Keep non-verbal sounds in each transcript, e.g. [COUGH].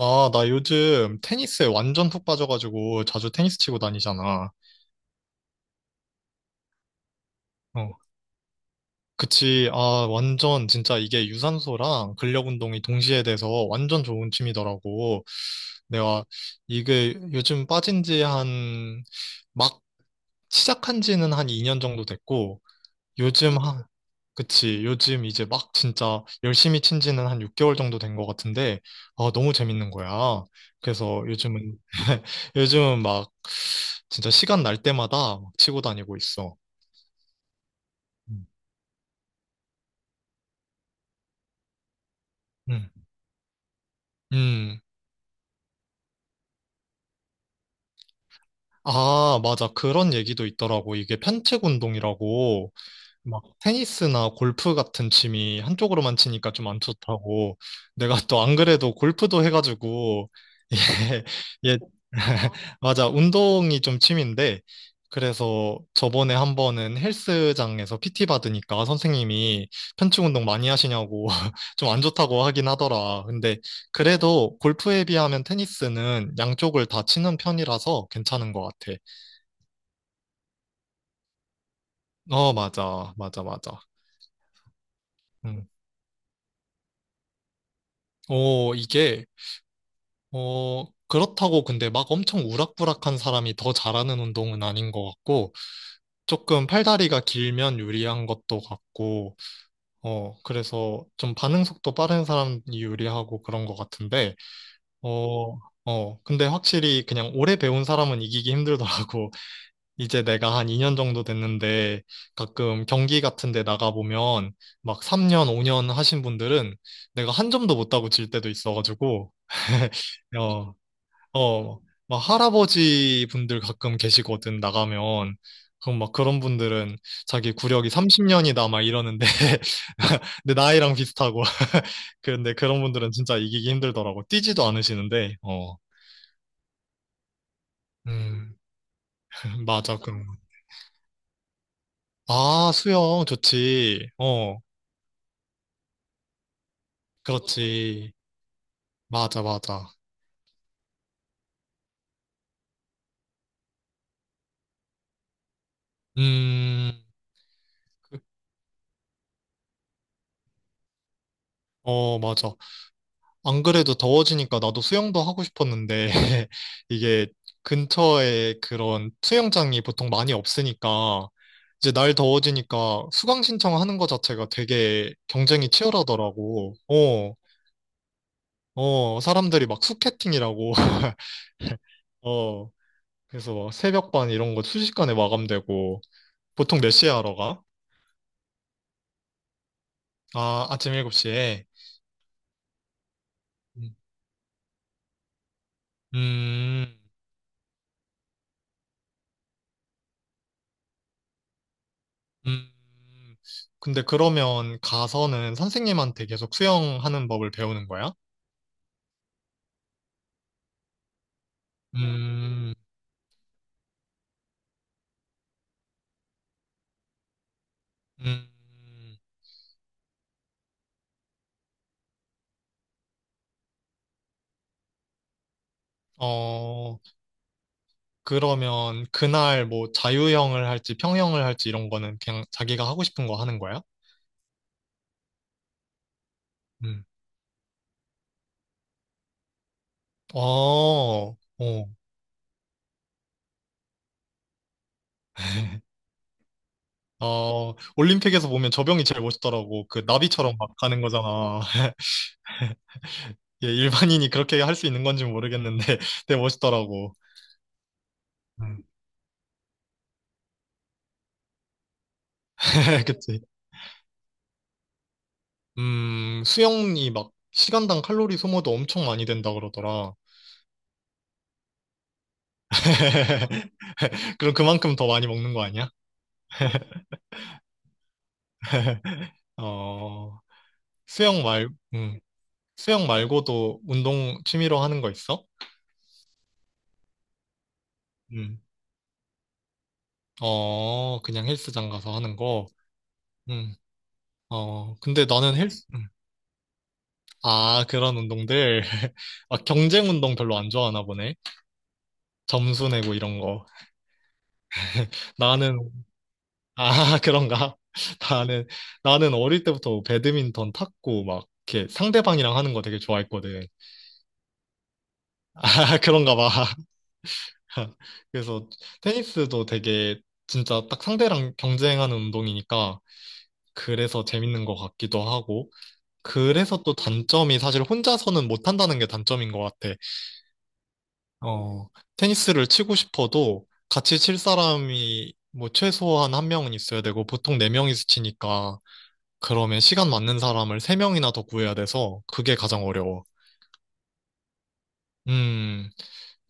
아, 나 요즘 테니스에 완전 푹 빠져가지고 자주 테니스 치고 다니잖아. 어. 그치. 아, 완전 진짜 이게 유산소랑 근력 운동이 동시에 돼서 완전 좋은 취미더라고. 내가 이게 요즘 빠진 지 한, 막 시작한 지는 한 2년 정도 됐고, 요즘 한, 그치. 요즘 이제 막 진짜 열심히 친 지는 한 6개월 정도 된 것 같은데, 아, 너무 재밌는 거야. 그래서 요즘은, [LAUGHS] 요즘은 막 진짜 시간 날 때마다 막 치고 다니고 있어. 음. 음. 음. 아, 맞아. 그런 얘기도 있더라고. 이게 편측 운동이라고. 막 테니스나 골프 같은 취미 한쪽으로만 치니까 좀 안 좋다고. 내가 또 안 그래도 골프도 해가지고 [LAUGHS] 예, 예 [LAUGHS] 맞아, 운동이 좀 취미인데 그래서 저번에 한 번은 헬스장에서 PT 받으니까 선생님이 편충 운동 많이 하시냐고 [LAUGHS] 좀 안 좋다고 하긴 하더라. 근데 그래도 골프에 비하면 테니스는 양쪽을 다 치는 편이라서 괜찮은 것 같아. 어, 맞아, 맞아, 맞아. 음. 오, 이게 어, 그렇다고. 근데 막 엄청 우락부락한 사람이 더 잘하는 운동은 아닌 것 같고, 조금 팔다리가 길면 유리한 것도 같고, 어, 그래서 좀 반응 속도 빠른 사람이 유리하고 그런 것 같은데, 어, 어, 근데 확실히 그냥 오래 배운 사람은 이기기 힘들더라고. [LAUGHS] 이제 내가 한 2년 정도 됐는데, 가끔 경기 같은 데 나가보면, 막 3년, 5년 하신 분들은 내가 한 점도 못 따고 질 때도 있어가지고, [LAUGHS] 어, 어, 막 할아버지 분들 가끔 계시거든, 나가면. 그럼 막 그런 분들은 자기 구력이 30년이다, 막 이러는데, [LAUGHS] 근데 나이랑 비슷하고. [LAUGHS] 그런데 그런 분들은 진짜 이기기 힘들더라고. 뛰지도 않으시는데, 어. 음, [LAUGHS] 맞아, 그럼. 아, 수영 좋지. 어, 그렇지. 맞아, 맞아. 음, 그, 어, 맞아. 안 그래도 더워지니까 나도 수영도 하고 싶었는데, [LAUGHS] 이게 근처에 그런 수영장이 보통 많이 없으니까, 이제 날 더워지니까 수강 신청하는 거 자체가 되게 경쟁이 치열하더라고. 어, 어, 사람들이 막 수캐팅이라고. [LAUGHS] 어, 그래서 막 새벽반 이런 거 순식간에 마감되고, 보통 몇 시에 하러 가? 아, 아침 7시에. 음, 음. 음, 근데 그러면 가서는 선생님한테 계속 수영하는 법을 배우는 거야? 음, 음, 어, 그러면 그날 뭐 자유형을 할지 평형을 할지 이런 거는 그냥 자기가 하고 싶은 거 하는 거야? 음, 어, 어, 어, 올림픽에서 보면 저병이 제일 멋있더라고. 그 나비처럼 막 가는 거잖아. [LAUGHS] 예, 일반인이 그렇게 할 수 있는 건지 모르겠는데 [LAUGHS] 되게 멋있더라고. 음. [LAUGHS] 그치. 수영이 막 시간당 칼로리 소모도 엄청 많이 된다 그러더라. [LAUGHS] 그럼 그만큼 더 많이 먹는 거 아니야? [LAUGHS] 어, 수영 말, 음, 수영 말고도 운동 취미로 하는 거 있어? 음, 어, 그냥 헬스장 가서 하는 거. 음, 어, 근데 나는 헬스, 아, 그런 운동들. [LAUGHS] 막 경쟁 운동 별로 안 좋아하나 보네. 점수 내고 이런 거. 나는 아, [LAUGHS] 그런가? [LAUGHS] 나는, 나는 어릴 때부터 배드민턴 탔고, 막, 이렇게 상대방이랑 하는 거 되게 좋아했거든. [LAUGHS] 아, 그런가 봐. [LAUGHS] 그래서 테니스도 되게 진짜 딱 상대랑 경쟁하는 운동이니까, 그래서 재밌는 것 같기도 하고, 그래서 또 단점이 사실 혼자서는 못 한다는 게 단점인 것 같아. 어, 테니스를 치고 싶어도 같이 칠 사람이 뭐 최소한 한 명은 있어야 되고, 보통 네 명이서 치니까, 그러면 시간 맞는 사람을 세 명이나 더 구해야 돼서 그게 가장 어려워. 음,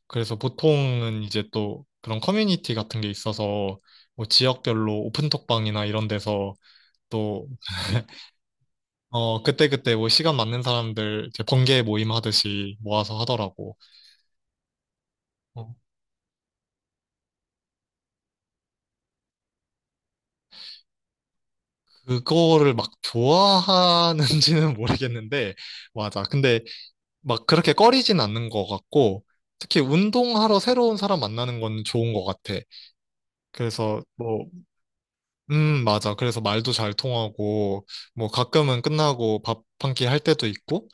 그래서 보통은 이제 또 그런 커뮤니티 같은 게 있어서 뭐 지역별로 오픈톡방이나 이런 데서 또, 어, 그때그때 뭐 시간 맞는 사람들 이제 번개 모임 하듯이 모아서 하더라고. 어, 그거를 막 좋아하는지는 [LAUGHS] 모르겠는데, 맞아. 근데 막 그렇게 꺼리진 않는 것 같고, 특히 운동하러 새로운 사람 만나는 건 좋은 것 같아. 그래서 뭐 맞아. 그래서 말도 잘 통하고, 뭐 가끔은 끝나고 밥 한 끼 할 때도 있고,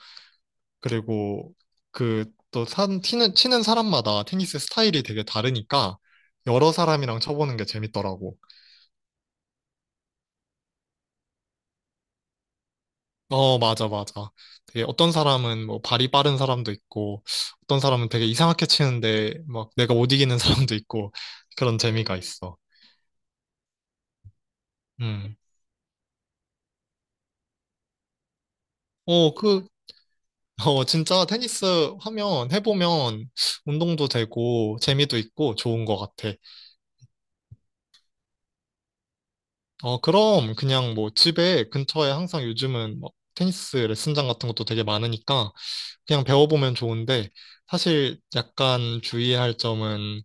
그리고 그 또 산, 치는 사람마다 테니스 스타일이 되게 다르니까, 여러 사람이랑 쳐보는 게 재밌더라고. 어, 맞아, 맞아. 되게 어떤 사람은 뭐 발이 빠른 사람도 있고, 어떤 사람은 되게 이상하게 치는데, 막 내가 못 이기는 [LAUGHS] 사람도 있고, 그런 재미가 있어. 음. 어, 그, 어, 진짜 테니스 하면, 해보면 운동도 되고 재미도 있고 좋은 것 같아. 어, 그럼 그냥 뭐 집에 근처에 항상 요즘은 뭐 테니스 레슨장 같은 것도 되게 많으니까 그냥 배워보면 좋은데 사실 약간 주의해야 할 점은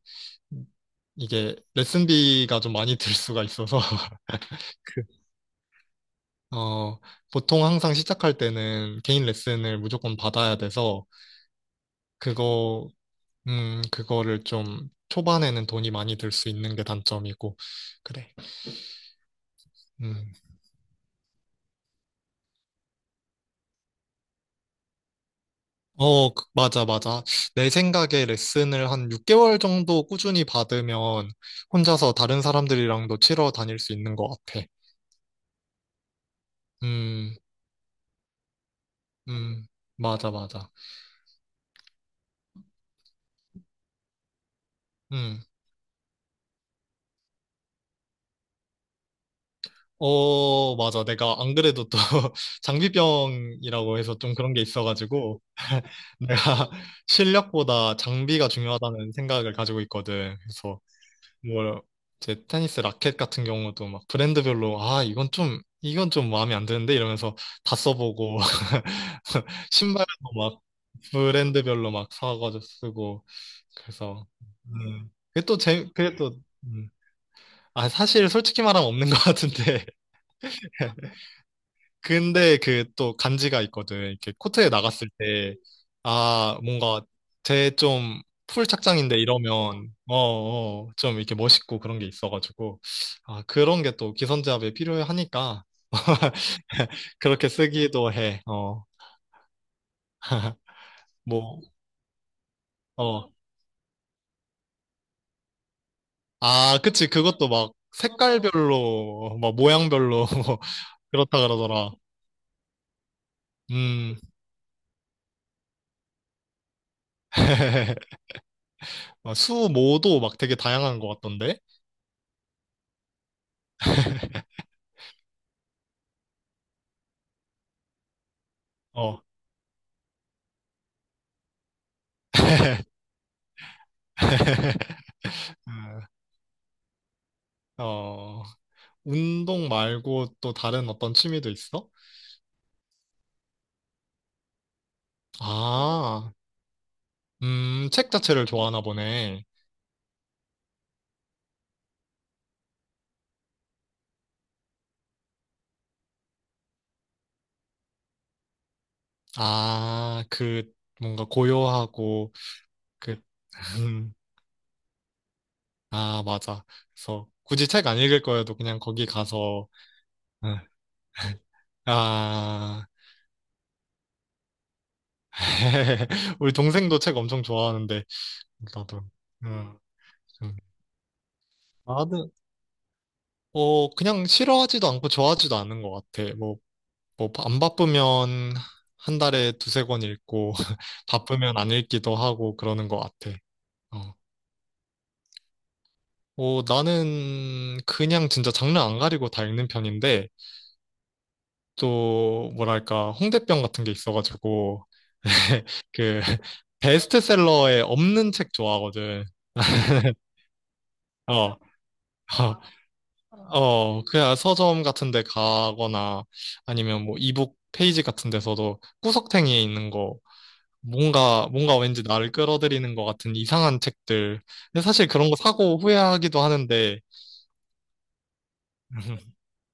이게 레슨비가 좀 많이 [LAUGHS] 들 수가 있어서. [LAUGHS] 그, 어, 보통 항상 시작할 때는 개인 레슨을 무조건 받아야 돼서 그거 그거를 좀 초반에는 돈이 많이 들 수 있는 게 단점이고. 그래. 음. 어, 그- 맞아, 맞아. 내 생각에 레슨을 한 6개월 정도 꾸준히 받으면 혼자서 다른 사람들이랑도 치러 다닐 수 있는 것 같아. 음, 음, 맞아, 맞아. 음. 어, 맞아. 내가 안 그래도 또 [LAUGHS] 장비병이라고 해서 좀 그런 게 있어가지고 [LAUGHS] 내가 [LAUGHS] 실력보다 장비가 중요하다는 생각을 가지고 있거든. 뭐, 이제 테니스 라켓 같은 경우도 막 브랜드별로, 아, 이건 좀, 이건 좀 마음에 안 드는데? 이러면서 다 써보고, [LAUGHS] 신발도 막 브랜드별로 막 사가지고 쓰고, 그래서, 그게 또 재, 그게 또, 음, 아, 사실 솔직히 말하면 없는 것 같은데, [LAUGHS] 근데 그 또 간지가 있거든. 이렇게 코트에 나갔을 때, 아, 뭔가 쟤 좀 풀 착장인데 이러면, 어, 어, 좀 이렇게 멋있고 그런 게 있어가지고, 아, 그런 게 또 기선제압에 필요하니까, [LAUGHS] 그렇게 쓰기도 해. 어. [LAUGHS] 뭐, 어. 아, 그치. 그것도 막 색깔별로, 막 모양별로, [LAUGHS] 그렇다 그러더라. 음. [LAUGHS] 수모도 막 되게 다양한 것 같던데? 어. [LAUGHS] [LAUGHS] 어, 운동 말고 또 다른 어떤 취미도 있어? 아, 책 자체를 좋아하나 보네. 아, 그, 뭔가 고요하고, 그, 음, 아, 맞아. 그래서 굳이 책 안 읽을 거여도 그냥 거기 가서, 음, 아, [LAUGHS] 우리 동생도 책 엄청 좋아하는데, 나도, 음, 음. 나는, 어, 그냥 싫어하지도 않고 좋아하지도 않는 것 같아. 뭐, 뭐, 안 바쁘면 한 달에 두세 권 읽고, [LAUGHS] 바쁘면 안 읽기도 하고 그러는 것 같아. 어. 어, 나는 그냥 진짜 장르 안 가리고 다 읽는 편인데, 또, 뭐랄까, 홍대병 같은 게 있어가지고, [LAUGHS] 그, 베스트셀러에 없는 책 좋아하거든. 어, 어, 어, 그냥 서점 같은 데 가거나 아니면 뭐 이북 페이지 같은 데서도 구석탱이에 있는 거 뭔가 왠지 나를 끌어들이는 것 같은 이상한 책들. 근데 사실 그런 거 사고 후회하기도 하는데,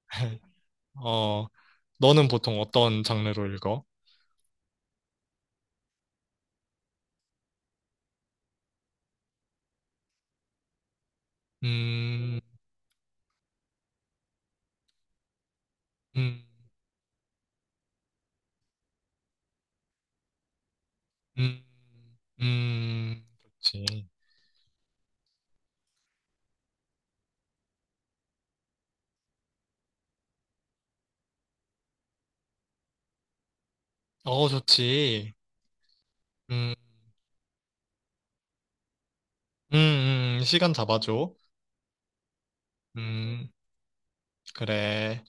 [LAUGHS] 어, 너는 보통 어떤 장르로 읽어? 음, 음, 음, 음, 좋지. 어, 좋지. 음, 시간 잡아줘. 음, 그래.